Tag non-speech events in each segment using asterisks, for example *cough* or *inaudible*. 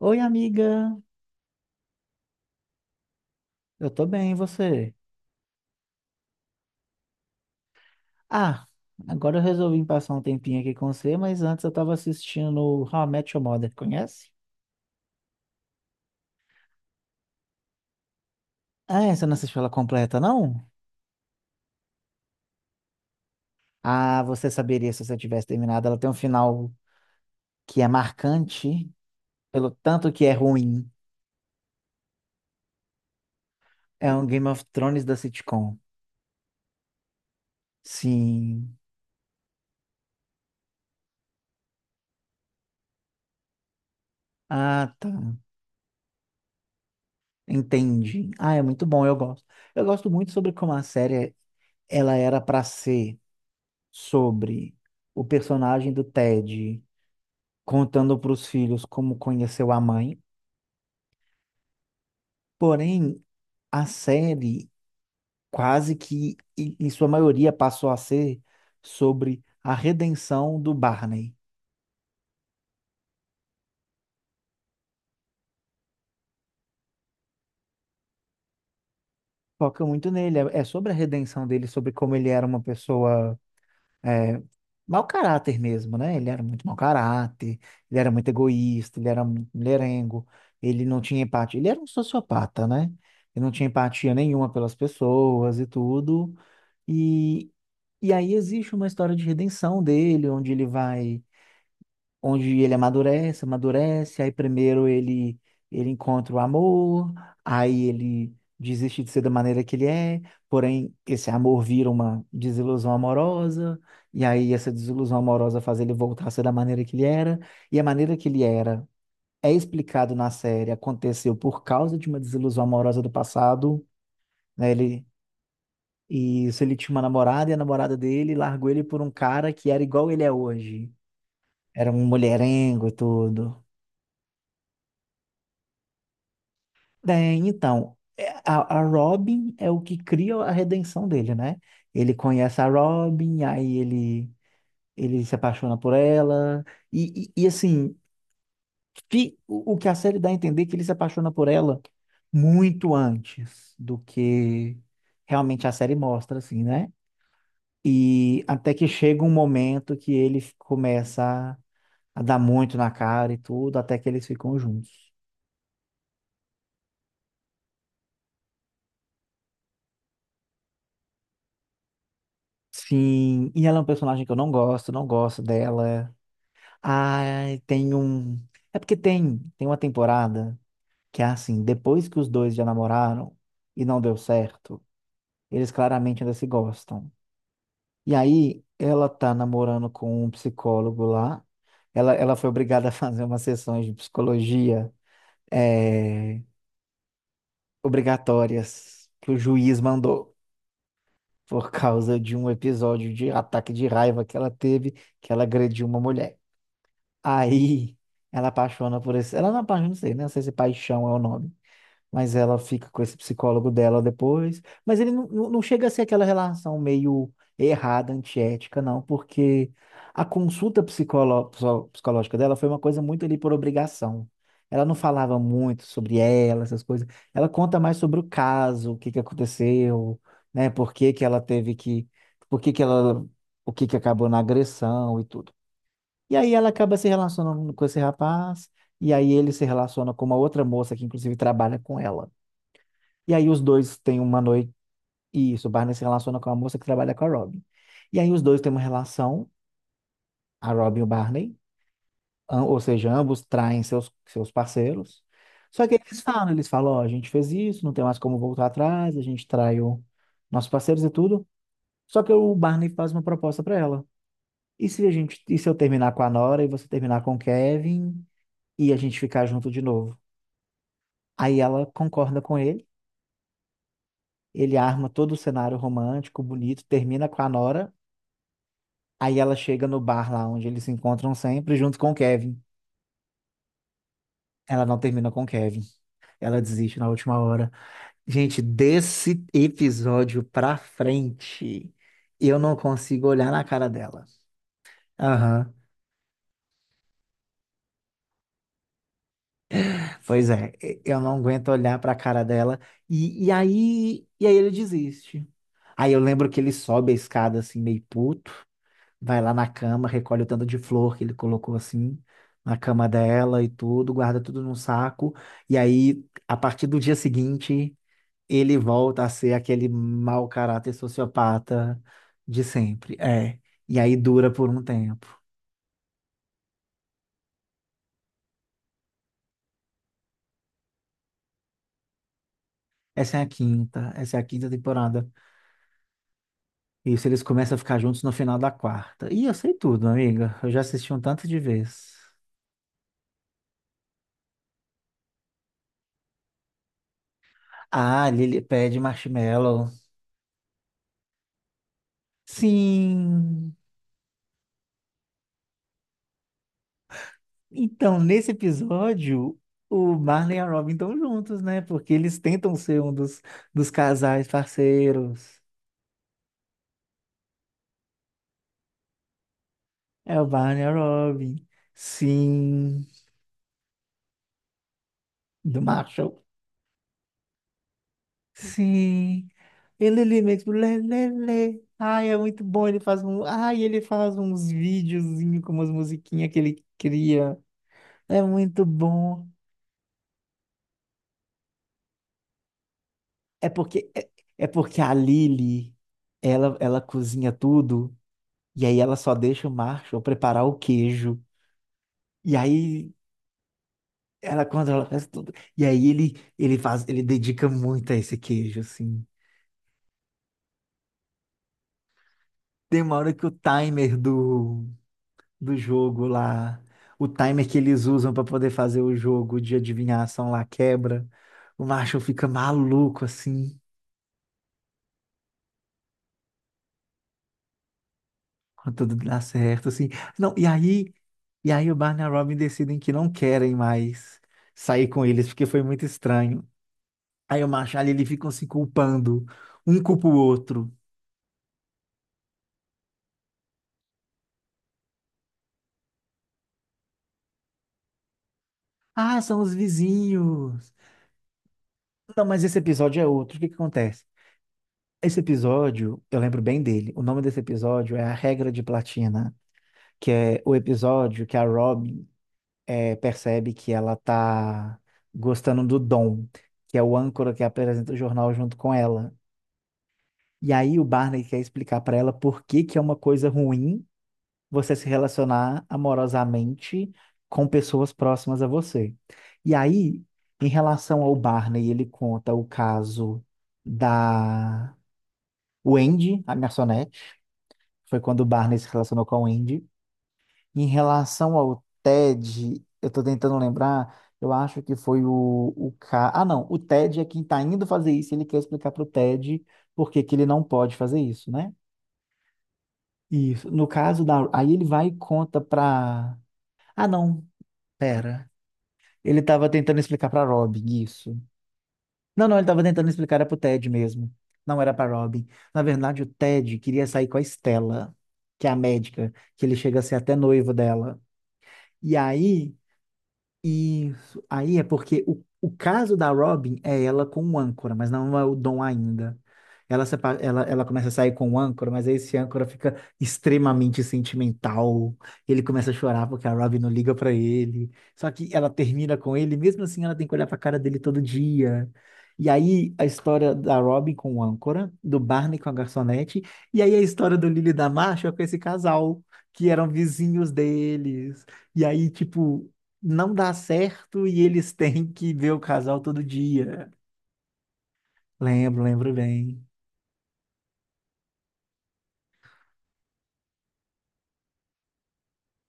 Oi, amiga. Eu tô bem, e você? Ah, agora eu resolvi passar um tempinho aqui com você, mas antes eu tava assistindo How I Met Your Mother, conhece? Ah, você não assistiu ela completa, não? Ah, você saberia se você tivesse terminado. Ela tem um final que é marcante, pelo tanto que é ruim. É um Game of Thrones da sitcom. Sim. Ah, tá. Entendi. Ah, é muito bom, eu gosto. Eu gosto muito sobre como a série ela era pra ser, sobre o personagem do Ted contando para os filhos como conheceu a mãe. Porém, a série quase que, em sua maioria, passou a ser sobre a redenção do Barney. Foca muito nele, é sobre a redenção dele, sobre como ele era uma pessoa é, mau caráter mesmo, né? Ele era muito mau caráter, ele era muito egoísta, ele era muito mulherengo, ele não tinha empatia, ele era um sociopata, né? Ele não tinha empatia nenhuma pelas pessoas e tudo. E, e aí existe uma história de redenção dele, onde ele vai onde ele amadurece, amadurece. Aí primeiro ele encontra o amor, aí ele desiste de ser da maneira que ele é, porém esse amor vira uma desilusão amorosa, e aí essa desilusão amorosa faz ele voltar a ser da maneira que ele era, e a maneira que ele era é explicado na série, aconteceu por causa de uma desilusão amorosa do passado, né? Ele E isso, ele tinha uma namorada e a namorada dele largou ele por um cara que era igual ele é hoje. Era um mulherengo e tudo. É, então, é, a Robin é o que cria a redenção dele, né? Ele conhece a Robin, ele se apaixona por ela, e, assim, o que a série dá a entender é que ele se apaixona por ela muito antes do que realmente a série mostra, assim, né? E até que chega um momento que ele começa a dar muito na cara e tudo, até que eles ficam juntos. Sim, e ela é um personagem que eu não gosto, não gosto dela. Ai, tem um. É porque tem uma temporada que é assim, depois que os dois já namoraram e não deu certo, eles claramente ainda se gostam. E aí, ela tá namorando com um psicólogo lá. Ela foi obrigada a *laughs* fazer umas sessões de psicologia eh, obrigatórias que o juiz mandou por causa de um episódio de ataque de raiva que ela teve, que ela agrediu uma mulher. Aí ela apaixona por esse. Ela não apaixona, não sei, né? Não sei se paixão é o nome. Mas ela fica com esse psicólogo dela depois. Mas ele não, não chega a ser aquela relação meio errada, antiética, não, porque a consulta psicológica dela foi uma coisa muito ali por obrigação. Ela não falava muito sobre ela, essas coisas. Ela conta mais sobre o caso, o que que aconteceu, né? Por que que ela teve que. Por que que ela. O que que acabou na agressão e tudo. E aí ela acaba se relacionando com esse rapaz, e aí ele se relaciona com uma outra moça que inclusive trabalha com ela. E aí os dois têm uma noite, e isso, o Barney se relaciona com uma moça que trabalha com a Robin. E aí os dois têm uma relação, a Robin e o Barney, ou seja, ambos traem seus parceiros. Só que eles falam, ó, a gente fez isso, não tem mais como voltar atrás, a gente traiu nossos parceiros e tudo. Só que o Barney faz uma proposta para ela. E se a gente, e se eu terminar com a Nora e você terminar com o Kevin? E a gente ficar junto de novo. Aí ela concorda com ele, ele arma todo o cenário romântico, bonito, termina com a Nora, aí ela chega no bar lá onde eles se encontram sempre, junto com o Kevin. Ela não termina com o Kevin, ela desiste na última hora. Gente, desse episódio pra frente, eu não consigo olhar na cara dela. Aham. Pois é, eu não aguento olhar pra cara dela. E aí ele desiste. Aí eu lembro que ele sobe a escada assim, meio puto. Vai lá na cama, recolhe o tanto de flor que ele colocou assim, na cama dela e tudo, guarda tudo num saco. E aí, a partir do dia seguinte, ele volta a ser aquele mau caráter sociopata de sempre. É. E aí dura por um tempo. Essa é a quinta temporada. Isso, eles começam a ficar juntos no final da quarta. E eu sei tudo, amiga. Eu já assisti um tanto de vezes. Ah, Lily pede marshmallow. Sim. Então, nesse episódio, o Marley e a Robin estão juntos, né? Porque eles tentam ser um dos casais parceiros. É o Marley e a Robin. Sim. Do Marshall. Sim. Ele ali mesmo. Lê, lê, lê. Ai, é muito bom. Ele faz um. Ai, ele faz uns videozinhos com umas musiquinhas que ele cria. É muito bom. É porque, é, é porque a Lily, ela cozinha tudo. E aí ela só deixa o Marshall preparar o queijo. E aí ela controla, faz tudo. E aí ele faz, ele dedica muito a esse queijo, assim. Tem uma hora que o timer do jogo lá, o timer que eles usam para poder fazer o jogo de adivinhação lá quebra. O Marshall fica maluco assim, quando tudo dá certo assim. Não, e aí o Barney e a Robin decidem que não querem mais sair com eles porque foi muito estranho. Aí o macho ali, ele ficam se culpando. Um culpa o outro. Ah, são os vizinhos. Não, mas esse episódio é outro. O que que acontece? Esse episódio, eu lembro bem dele. O nome desse episódio é A Regra de Platina, que é o episódio que a Robin percebe que ela tá gostando do Dom, que é o âncora que apresenta o jornal junto com ela. E aí o Barney quer explicar pra ela por que que é uma coisa ruim você se relacionar amorosamente com pessoas próximas a você. E aí, em relação ao Barney, ele conta o caso da Wendy, a garçonete, foi quando o Barney se relacionou com a Wendy. Em relação ao Ted, eu tô tentando lembrar, eu acho que foi o ca... Ah, não, o Ted é quem tá indo fazer isso, ele quer explicar pro Ted por que que ele não pode fazer isso, né? Isso. No caso da. Aí ele vai e conta pra. Ah, não. Pera. Ele tava tentando explicar pra Robin isso. Não, ele tava tentando explicar era pro Ted mesmo. Não era pra Robin. Na verdade, o Ted queria sair com a Stella, que é a médica, que ele chega a ser até noivo dela. E aí, isso. Aí é porque o caso da Robin é ela com o âncora, mas não é o Dom ainda. Ela começa a sair com o âncora, mas aí esse âncora fica extremamente sentimental. Ele começa a chorar porque a Robin não liga pra ele. Só que ela termina com ele, mesmo assim ela tem que olhar pra cara dele todo dia. E aí a história da Robin com o âncora, do Barney com a garçonete, e aí a história do Lily e da Marshall com esse casal, que eram vizinhos deles. E aí, tipo, não dá certo e eles *laughs* têm que ver o casal todo dia. Lembro, lembro bem.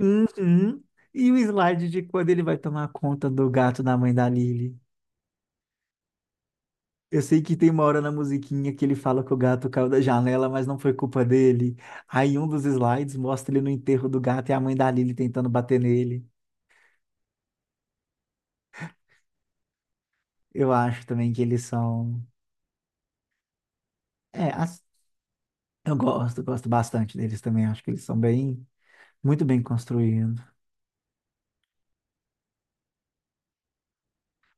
Uhum. E o slide de quando ele vai tomar conta do gato da mãe da Lily. Eu sei que tem uma hora na musiquinha que ele fala que o gato caiu da janela, mas não foi culpa dele. Aí um dos slides mostra ele no enterro do gato e a mãe da Lily tentando bater nele. Eu acho também que eles são. É, eu gosto, gosto bastante deles também. Acho que eles são bem, muito bem construídos.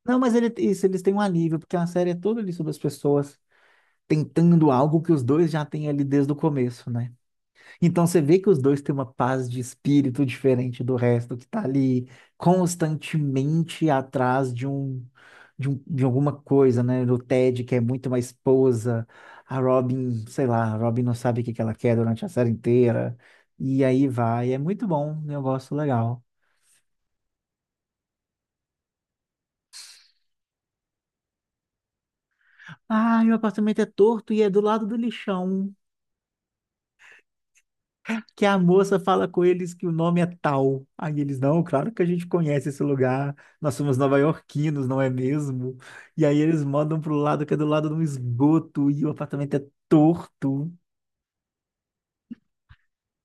Não, mas ele, isso, eles têm um alívio, porque a série é toda ali sobre as pessoas tentando algo que os dois já têm ali desde o começo, né? Então você vê que os dois têm uma paz de espírito diferente do resto, que tá ali constantemente atrás de de alguma coisa, né? Do Ted, que é muito uma esposa, a Robin, sei lá, a Robin não sabe o que que ela quer durante a série inteira, e aí vai, é muito bom, eu gosto, legal. Ah, meu apartamento é torto e é do lado do lixão. Que a moça fala com eles que o nome é tal. Aí eles, não, claro que a gente conhece esse lugar, nós somos nova-iorquinos, não é mesmo? E aí eles mandam pro lado que é do lado de um esgoto e o apartamento é torto.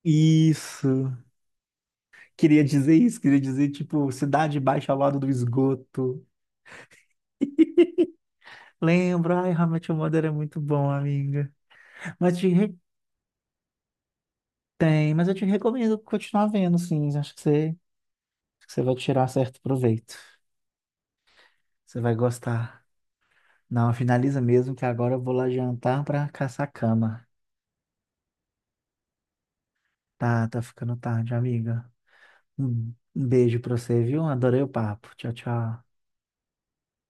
Isso. Queria dizer isso, queria dizer, tipo, Cidade Baixa ao lado do esgoto. Lembra? Ai, How I Met Your Mother é muito bom, amiga. Mas te re- tem, mas eu te recomendo continuar vendo, sim. Acho que você vai tirar certo proveito. Você vai gostar. Não, finaliza mesmo que agora eu vou lá jantar pra caçar cama. Tá, tá ficando tarde, amiga. Um beijo pra você, viu? Adorei o papo. Tchau, tchau.